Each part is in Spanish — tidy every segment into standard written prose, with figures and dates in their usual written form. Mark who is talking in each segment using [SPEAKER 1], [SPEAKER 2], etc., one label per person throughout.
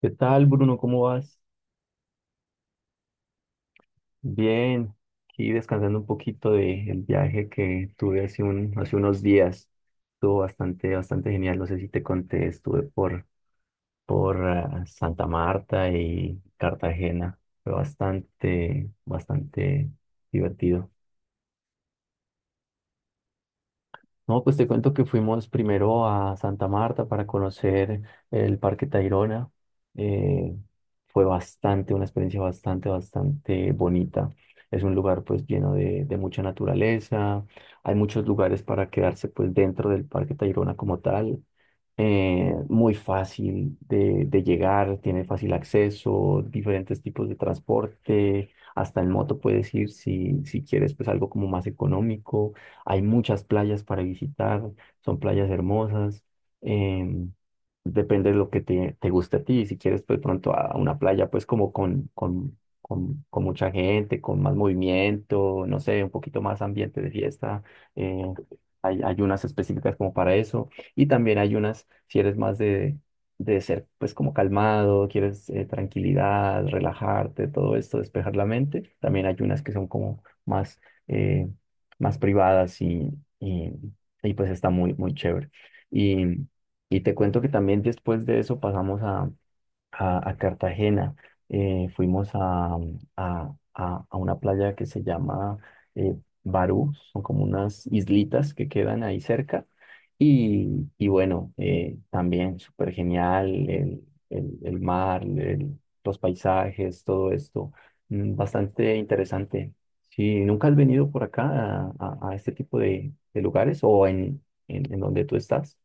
[SPEAKER 1] ¿Qué tal, Bruno? ¿Cómo vas? Bien, aquí descansando un poquito del viaje que tuve hace, hace unos días. Estuvo bastante, bastante genial. No sé si te conté, estuve por Santa Marta y Cartagena. Fue bastante, bastante divertido. No, pues te cuento que fuimos primero a Santa Marta para conocer el Parque Tayrona. Eh, Fue bastante, una experiencia bastante, bastante bonita. Es un lugar pues lleno de mucha naturaleza. Hay muchos lugares para quedarse pues dentro del Parque Tayrona como tal. Muy fácil de llegar, tiene fácil acceso, diferentes tipos de transporte. Hasta en moto puedes ir si quieres pues algo como más económico. Hay muchas playas para visitar, son playas hermosas. em, Depende de lo que te guste a ti. Si quieres, pues pronto a una playa, pues como con mucha gente, con más movimiento, no sé, un poquito más ambiente de fiesta. eh, hay unas específicas como para eso. Y también hay unas, si eres más de ser pues como calmado, quieres tranquilidad, relajarte, todo esto, despejar la mente. También hay unas que son como más... eh, más privadas y, y pues está muy, muy chévere. Y, y te cuento que también después de eso pasamos a Cartagena. Fuimos a una playa que se llama eh, Barú, son como unas islitas que quedan ahí cerca. Y bueno, también súper genial el mar, los paisajes, todo esto, bastante interesante. Si nunca has venido por acá a este tipo de lugares o en donde tú estás.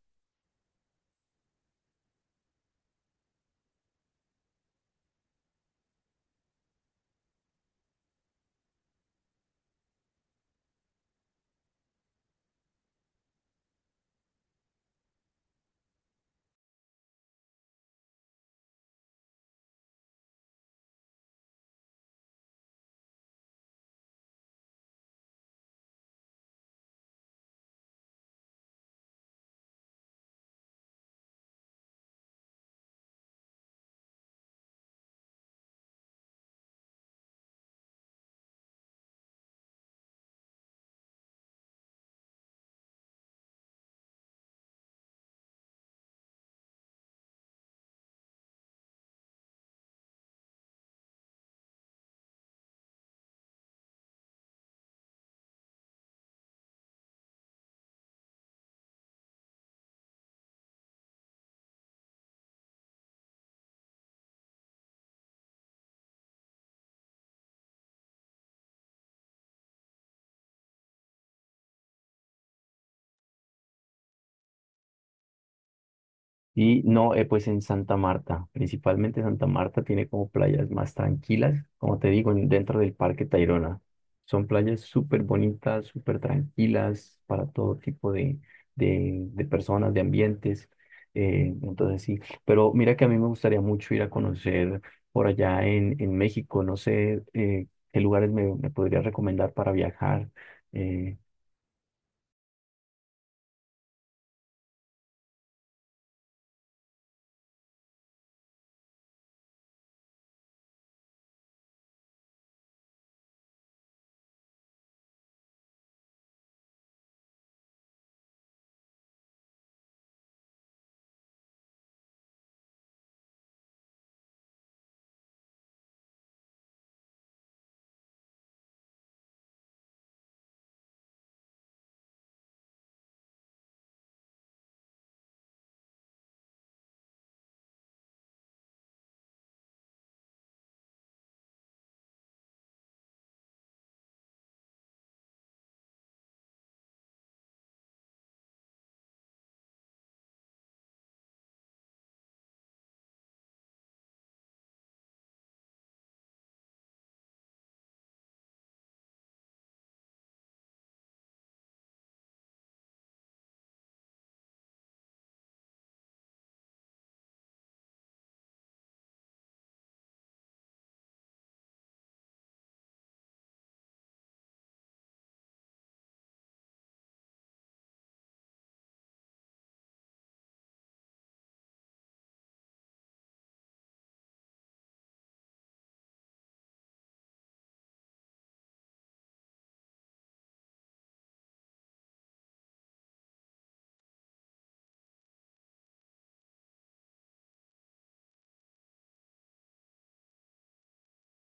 [SPEAKER 1] Y no, pues en Santa Marta, principalmente Santa Marta tiene como playas más tranquilas, como te digo, en- dentro del Parque Tayrona. Son playas súper bonitas, súper tranquilas para todo tipo de personas, de ambientes. Entonces sí, pero mira que a mí me gustaría mucho ir a conocer por allá en México, no sé qué lugares me podría recomendar para viajar. Eh,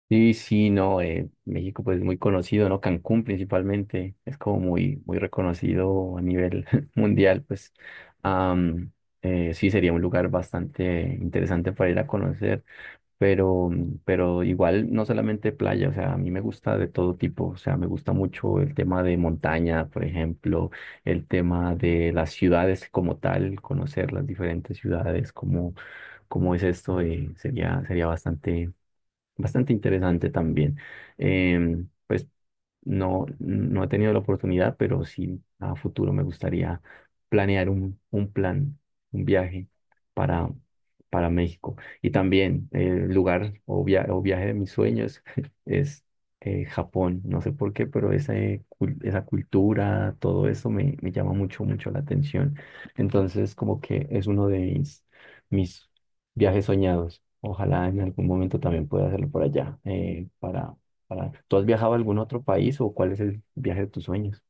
[SPEAKER 1] sí, sí, no, México pues es muy conocido, ¿no? Cancún principalmente, es como muy, muy reconocido a nivel mundial, pues am, sí sería un lugar bastante interesante para ir a conocer, pero, pero igual no solamente playa, o sea, a mí me gusta de todo tipo, o sea, me gusta mucho el tema de montaña, por ejemplo, el tema de las ciudades como tal, conocer las diferentes ciudades, cómo es esto, sería, sería bastante bastante interesante también. Pues no, no he tenido la oportunidad, pero sí a futuro me gustaría planear un plan, un viaje para, para México. Y también el lugar o, via- o viaje de mis sueños es Japón. No sé por qué, pero esa cultura, todo eso me llama mucho, mucho la atención. Entonces, como que es uno de mis viajes soñados. Ojalá en algún momento también pueda hacerlo por allá, para- ¿Tú has viajado a algún otro país o cuál es el viaje de tus sueños?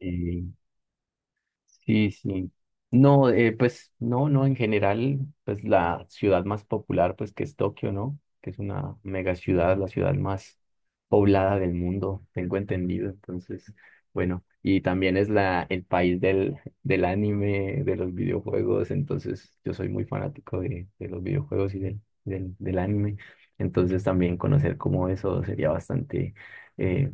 [SPEAKER 1] Eh, sí, sí. No, pues no, no, en general, pues la ciudad más popular, pues que es Tokio, ¿no? Que es una mega ciudad, la ciudad más poblada del mundo, tengo entendido. Entonces, bueno, y también es la, el país del anime, de los videojuegos, entonces yo soy muy fanático de los videojuegos y del anime. Entonces también conocer como eso sería bastante... eh,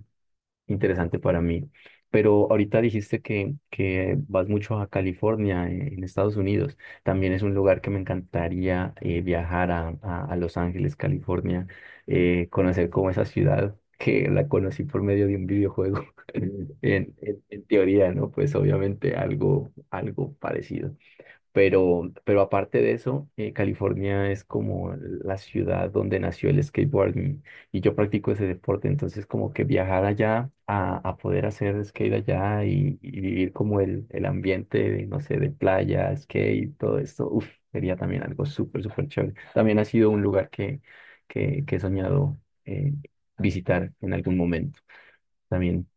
[SPEAKER 1] interesante para mí. Pero ahorita dijiste que vas mucho a California, en Estados Unidos. También es un lugar que me encantaría viajar a Los Ángeles, California, conocer como esa ciudad que la conocí por medio de un videojuego. En teoría, ¿no? Pues obviamente algo, algo parecido. Pero aparte de eso, California es como la ciudad donde nació el skateboarding y yo practico ese deporte, entonces como que viajar allá a poder hacer skate allá y vivir como el ambiente de, no sé, de playa, skate, todo esto, uf, sería también algo súper, súper chévere. También ha sido un lugar que he soñado eh, visitar en algún momento. También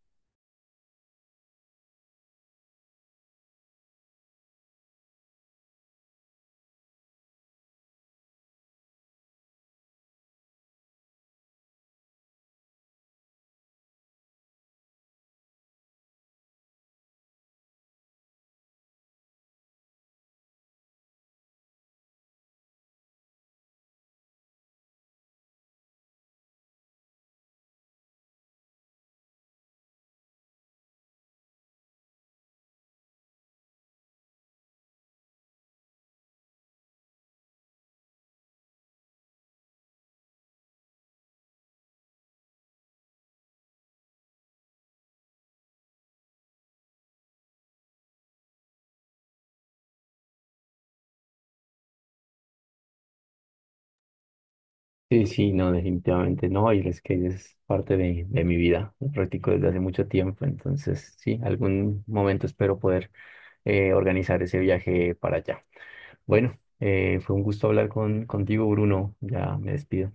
[SPEAKER 1] sí, sí, no, definitivamente no. Y el skate es parte de mi vida. Lo practico desde hace mucho tiempo. Entonces, sí, algún momento espero poder organizar ese viaje para allá. Bueno, fue un gusto hablar contigo, Bruno. Ya me despido.